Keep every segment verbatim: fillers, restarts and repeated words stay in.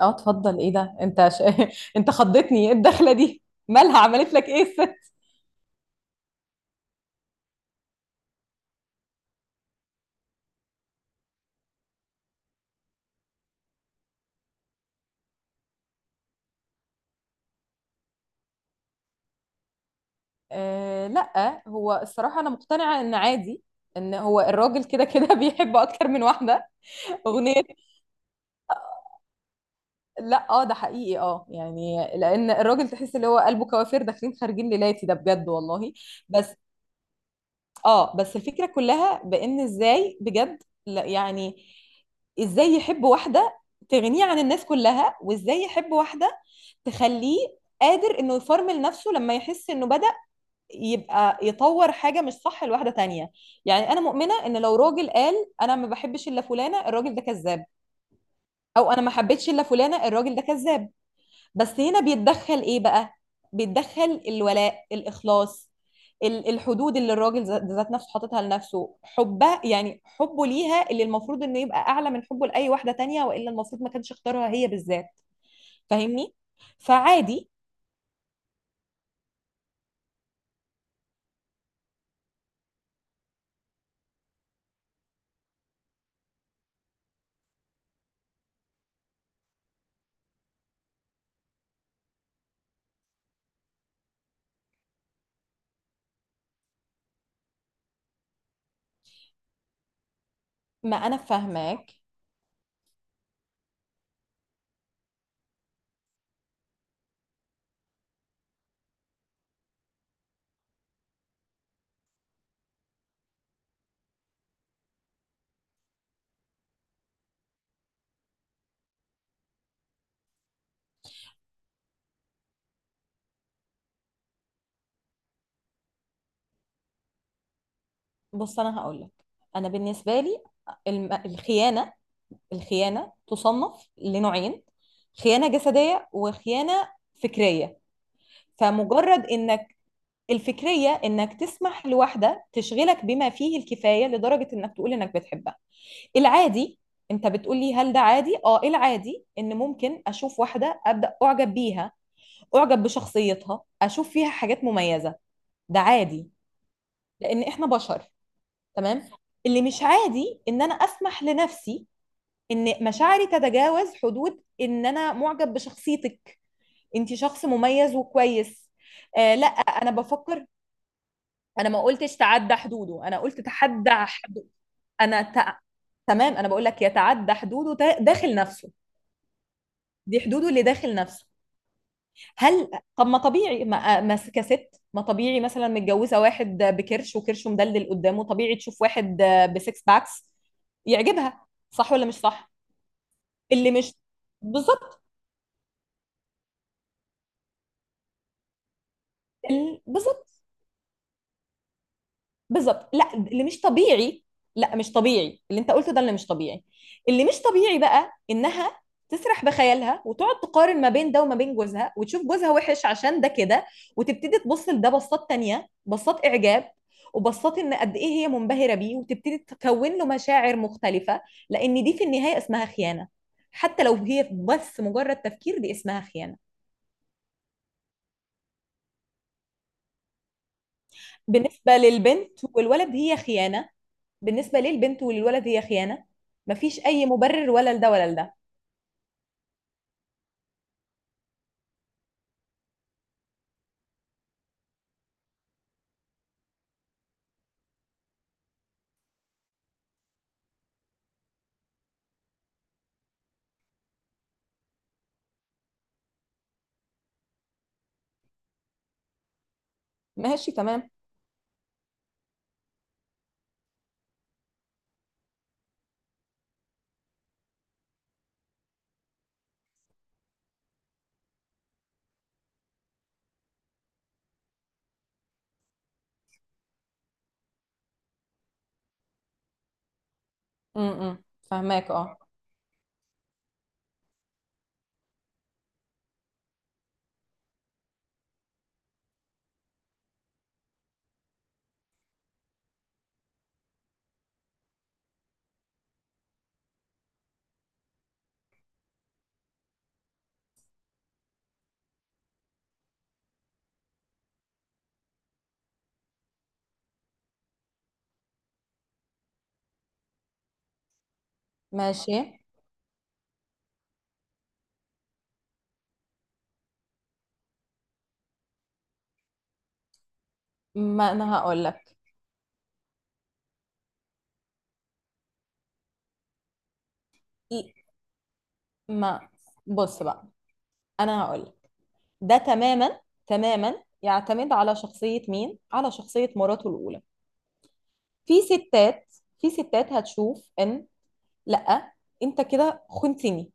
اه، اتفضل. ايه ده؟ انت ش... انت خضتني، ايه الدخله دي؟ مالها؟ عملت لك ايه الست؟ آه، لا، هو الصراحه انا مقتنعه ان عادي، ان هو الراجل كده كده بيحب اكتر من واحده. اغنيه. لا، اه، ده حقيقي، اه، يعني لان الراجل تحس اللي هو قلبه كوافير، داخلين خارجين ليلاتي، ده بجد والله. بس، اه، بس الفكرة كلها بان ازاي؟ بجد لا، يعني ازاي يحب واحدة تغنيه عن الناس كلها؟ وازاي يحب واحدة تخليه قادر انه يفرمل نفسه لما يحس انه بدأ يبقى يطور حاجة مش صح لواحدة تانية؟ يعني انا مؤمنة ان لو راجل قال انا ما بحبش الا فلانة، الراجل ده كذاب. او انا ما حبيتش الا فلانة، الراجل ده كذاب. بس هنا بيتدخل ايه بقى؟ بيتدخل الولاء، الاخلاص، ال- الحدود اللي الراجل ذا- ذات نفسه حاططها لنفسه، حبه، يعني حبه ليها، اللي المفروض انه يبقى اعلى من حبه لاي واحده تانية، والا المفروض ما كانش اختارها هي بالذات. فاهمني؟ فعادي. ما انا فاهماك. بص، انا هقول لك، انا بالنسبه لي، الم- الخيانه، الخيانه تصنف لنوعين: خيانه جسديه، وخيانه فكريه. فمجرد انك، الفكرية إنك تسمح لواحدة تشغلك بما فيه الكفاية لدرجة إنك تقول إنك بتحبها. العادي، أنت بتقولي هل ده عادي؟ آه، العادي إن ممكن أشوف واحدة أبدأ أعجب بيها، أعجب بشخصيتها، أشوف فيها حاجات مميزة، ده عادي. لأن إحنا بشر، تمام؟ اللي مش عادي إن أنا أسمح لنفسي إن مشاعري تتجاوز حدود إن أنا معجب بشخصيتك، أنت شخص مميز وكويس. آه، لا انا بفكر. انا ما قلتش تعدى حدوده، انا قلت تحدى حدوده. انا ت... تمام، انا بقول لك يتعدى حدوده، تا- داخل نفسه، دي حدوده اللي داخل نفسه. هل طب ما طبيعي ما, ما كست ما طبيعي مثلا متجوزه واحد بكرش وكرشه مدلدل قدامه، طبيعي تشوف واحد بسكس باكس يعجبها، صح ولا مش صح؟ اللي مش، بالظبط. ال- بالظبط. بالظبط، لا اللي مش طبيعي، لا مش طبيعي اللي انت قلته ده، اللي مش طبيعي، اللي مش طبيعي بقى انها تسرح بخيالها وتقعد تقارن ما بين ده وما بين جوزها، وتشوف جوزها وحش عشان ده كده، وتبتدي تبص لده بصات تانية، بصات اعجاب، وبصات ان قد ايه هي منبهرة بيه، وتبتدي تكون له مشاعر مختلفة، لان دي في النهاية اسمها خيانة. حتى لو هي بس مجرد تفكير، دي اسمها خيانة. بالنسبة للبنت والولد هي خيانة. بالنسبة للبنت وللولد هي خيانة. مفيش أي مبرر ولا لده ولا لده. ماشي، تمام. امم فهماك، اه. ماشي. ما انا هقول لك، ما بص بقى، انا هقول لك، ده تماما، تماما يعتمد على شخصية مين، على شخصية مراته الأولى. في ستات، في ستات هتشوف ان لا، انت كده خنتني،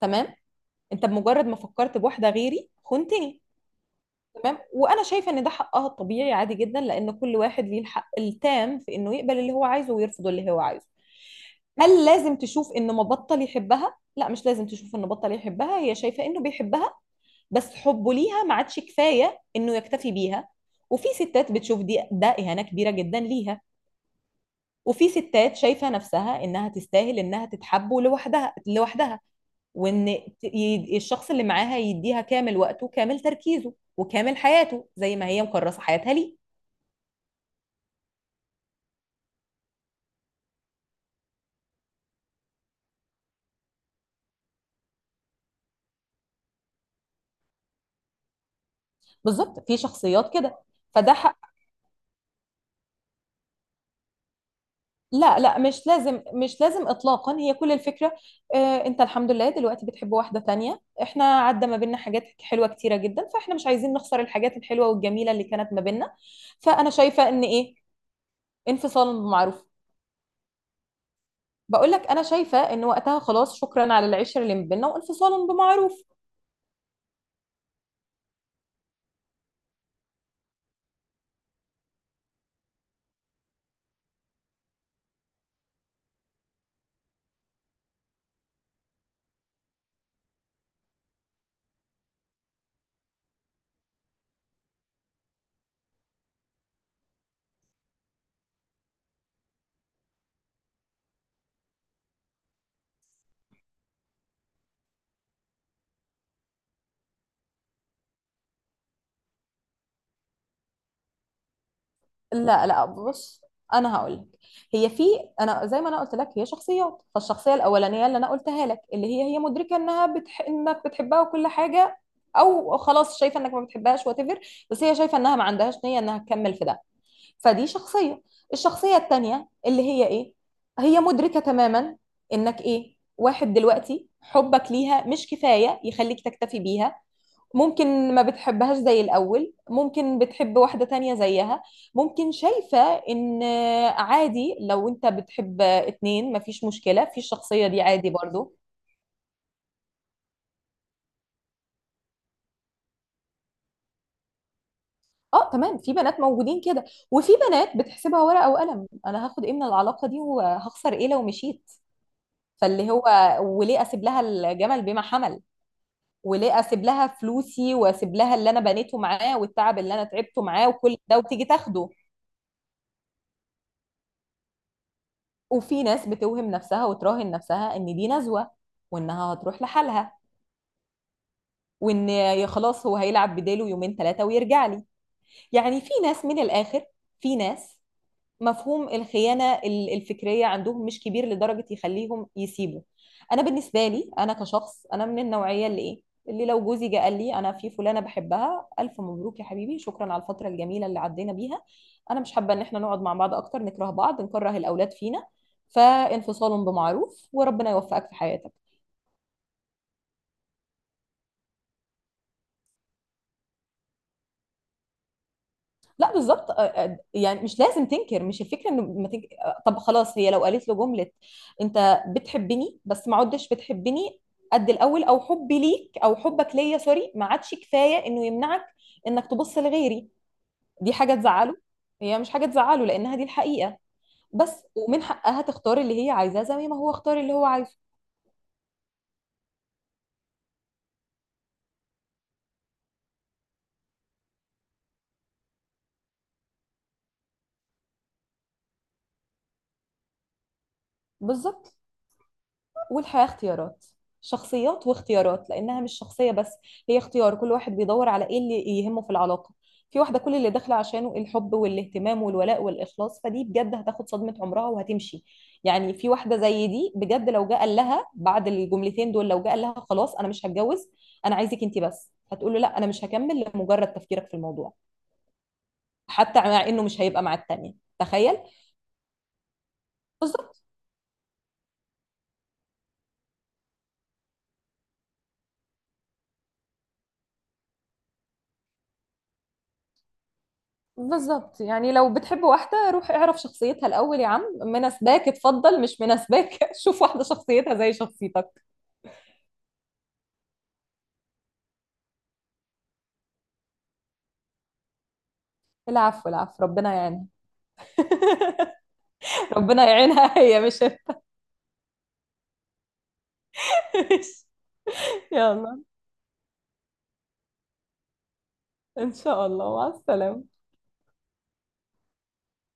تمام، انت بمجرد ما فكرت بواحدة غيري خنتني. تمام، وانا شايفه ان ده حقها الطبيعي، عادي جدا، لان كل واحد ليه الحق التام في انه يقبل اللي هو عايزه ويرفض اللي هو عايزه. هل لازم تشوف انه ما بطل يحبها؟ لا، مش لازم تشوف انه بطل يحبها، هي شايفه انه بيحبها، بس حبه ليها ما عادش كفايه انه يكتفي بيها. وفي ستات بتشوف دي، ده اهانه كبيره جدا ليها. وفي ستات شايفه نفسها انها تستاهل انها تتحب لوحدها، لوحدها، وان ت- ي- الشخص اللي معاها يديها كامل وقته وكامل تركيزه وكامل حياته، زي ما هي مكرسه حياتها ليه. بالظبط، في شخصيات كده. فده حق. لا لا، مش لازم، مش لازم اطلاقا. هي كل الفكره، آه انت الحمد لله دلوقتي بتحب واحده تانية، احنا عدى ما بيننا حاجات حلوه كتيره جدا، فاحنا مش عايزين نخسر الحاجات الحلوه والجميله اللي كانت ما بيننا، فانا شايفه ان ايه، انفصال بمعروف. بقول لك انا شايفه ان وقتها خلاص، شكرا على العشره اللي ما بيننا، وانفصال بمعروف. لا لا، بص، انا هقول لك، هي في، انا زي ما انا قلت لك هي شخصيات، فالشخصيه الاولانيه اللي انا قلتها لك اللي هي، هي مدركه انها بتح... انك بتحبها وكل حاجه، او خلاص شايفه انك ما بتحبهاش وات ايفر، بس هي شايفه انها ما عندهاش نيه انها تكمل في ده، فدي شخصيه. الشخصيه التانيه اللي هي ايه، هي مدركه تماما انك ايه، واحد دلوقتي حبك ليها مش كفايه يخليك تكتفي بيها، ممكن ما بتحبهاش زي الأول، ممكن بتحب واحدة تانية زيها، ممكن شايفة إن عادي لو أنت بتحب اتنين، مفيش مشكلة. في الشخصية دي عادي برضو. اه تمام، في بنات موجودين كده. وفي بنات بتحسبها ورقة وقلم: أنا هاخد إيه من العلاقة دي، وهخسر إيه لو مشيت؟ فاللي هو، وليه أسيب لها؟ الجمل بما حمل. وليه أسيب لها فلوسي، وأسيب لها اللي أنا بنيته معاه، والتعب اللي أنا تعبته معاه، وكل ده، وتيجي تاخده. وفي ناس بتوهم نفسها وتراهن نفسها ان دي نزوة، وانها هتروح لحالها، وان يا خلاص هو هيلعب بداله يومين ثلاثة ويرجع لي. يعني في ناس من الاخر، في ناس مفهوم الخيانة ال- الفكرية عندهم مش كبير لدرجة يخليهم يسيبوا. أنا بالنسبة لي، أنا كشخص، أنا من النوعية اللي إيه، اللي لو جوزي جه قال لي أنا في فلانة بحبها، ألف مبروك يا حبيبي، شكرا على الفترة الجميلة اللي عدينا بيها، أنا مش حابة إن إحنا نقعد مع بعض أكتر نكره بعض، نكره الأولاد فينا، فانفصال بمعروف، وربنا يوفقك في حياتك. لا بالظبط، آه، آه، يعني مش لازم تنكر، مش الفكره انه ما تنكر. طب خلاص، هي لو قالت له جمله: انت بتحبني بس ما عدتش بتحبني قد الاول، او حبي ليك او حبك ليا سوري ما عادش كفايه انه يمنعك انك تبص لغيري، دي حاجه تزعله، هي مش حاجه تزعله لانها دي الحقيقه. بس ومن حقها تختار اللي هي عايزاه، زي ما هو اختار اللي هو عايزه. بالظبط، والحياة اختيارات. شخصيات واختيارات، لأنها مش شخصية بس، هي اختيار، كل واحد بيدور على إيه اللي يهمه في العلاقة. في واحدة كل اللي داخلة عشانه الحب والاهتمام والولاء والإخلاص، فدي بجد هتاخد صدمة عمرها وهتمشي. يعني في واحدة زي دي بجد لو جه قال لها بعد الجملتين دول، لو جه قال لها خلاص أنا مش هتجوز، أنا عايزك أنت بس، هتقول له لا، أنا مش هكمل لمجرد تفكيرك في الموضوع، حتى مع إنه مش هيبقى مع التانية، تخيل. بالظبط. بالظبط، يعني لو بتحب واحدة، روح اعرف شخصيتها الأول، يا عم مناسباك اتفضل، مش مناسباك شوف واحدة شخصيتها زي شخصيتك. العفو، العفو، ربنا يعينها. ربنا يعينها هي، مش يلا، إن شاء الله، مع السلامة.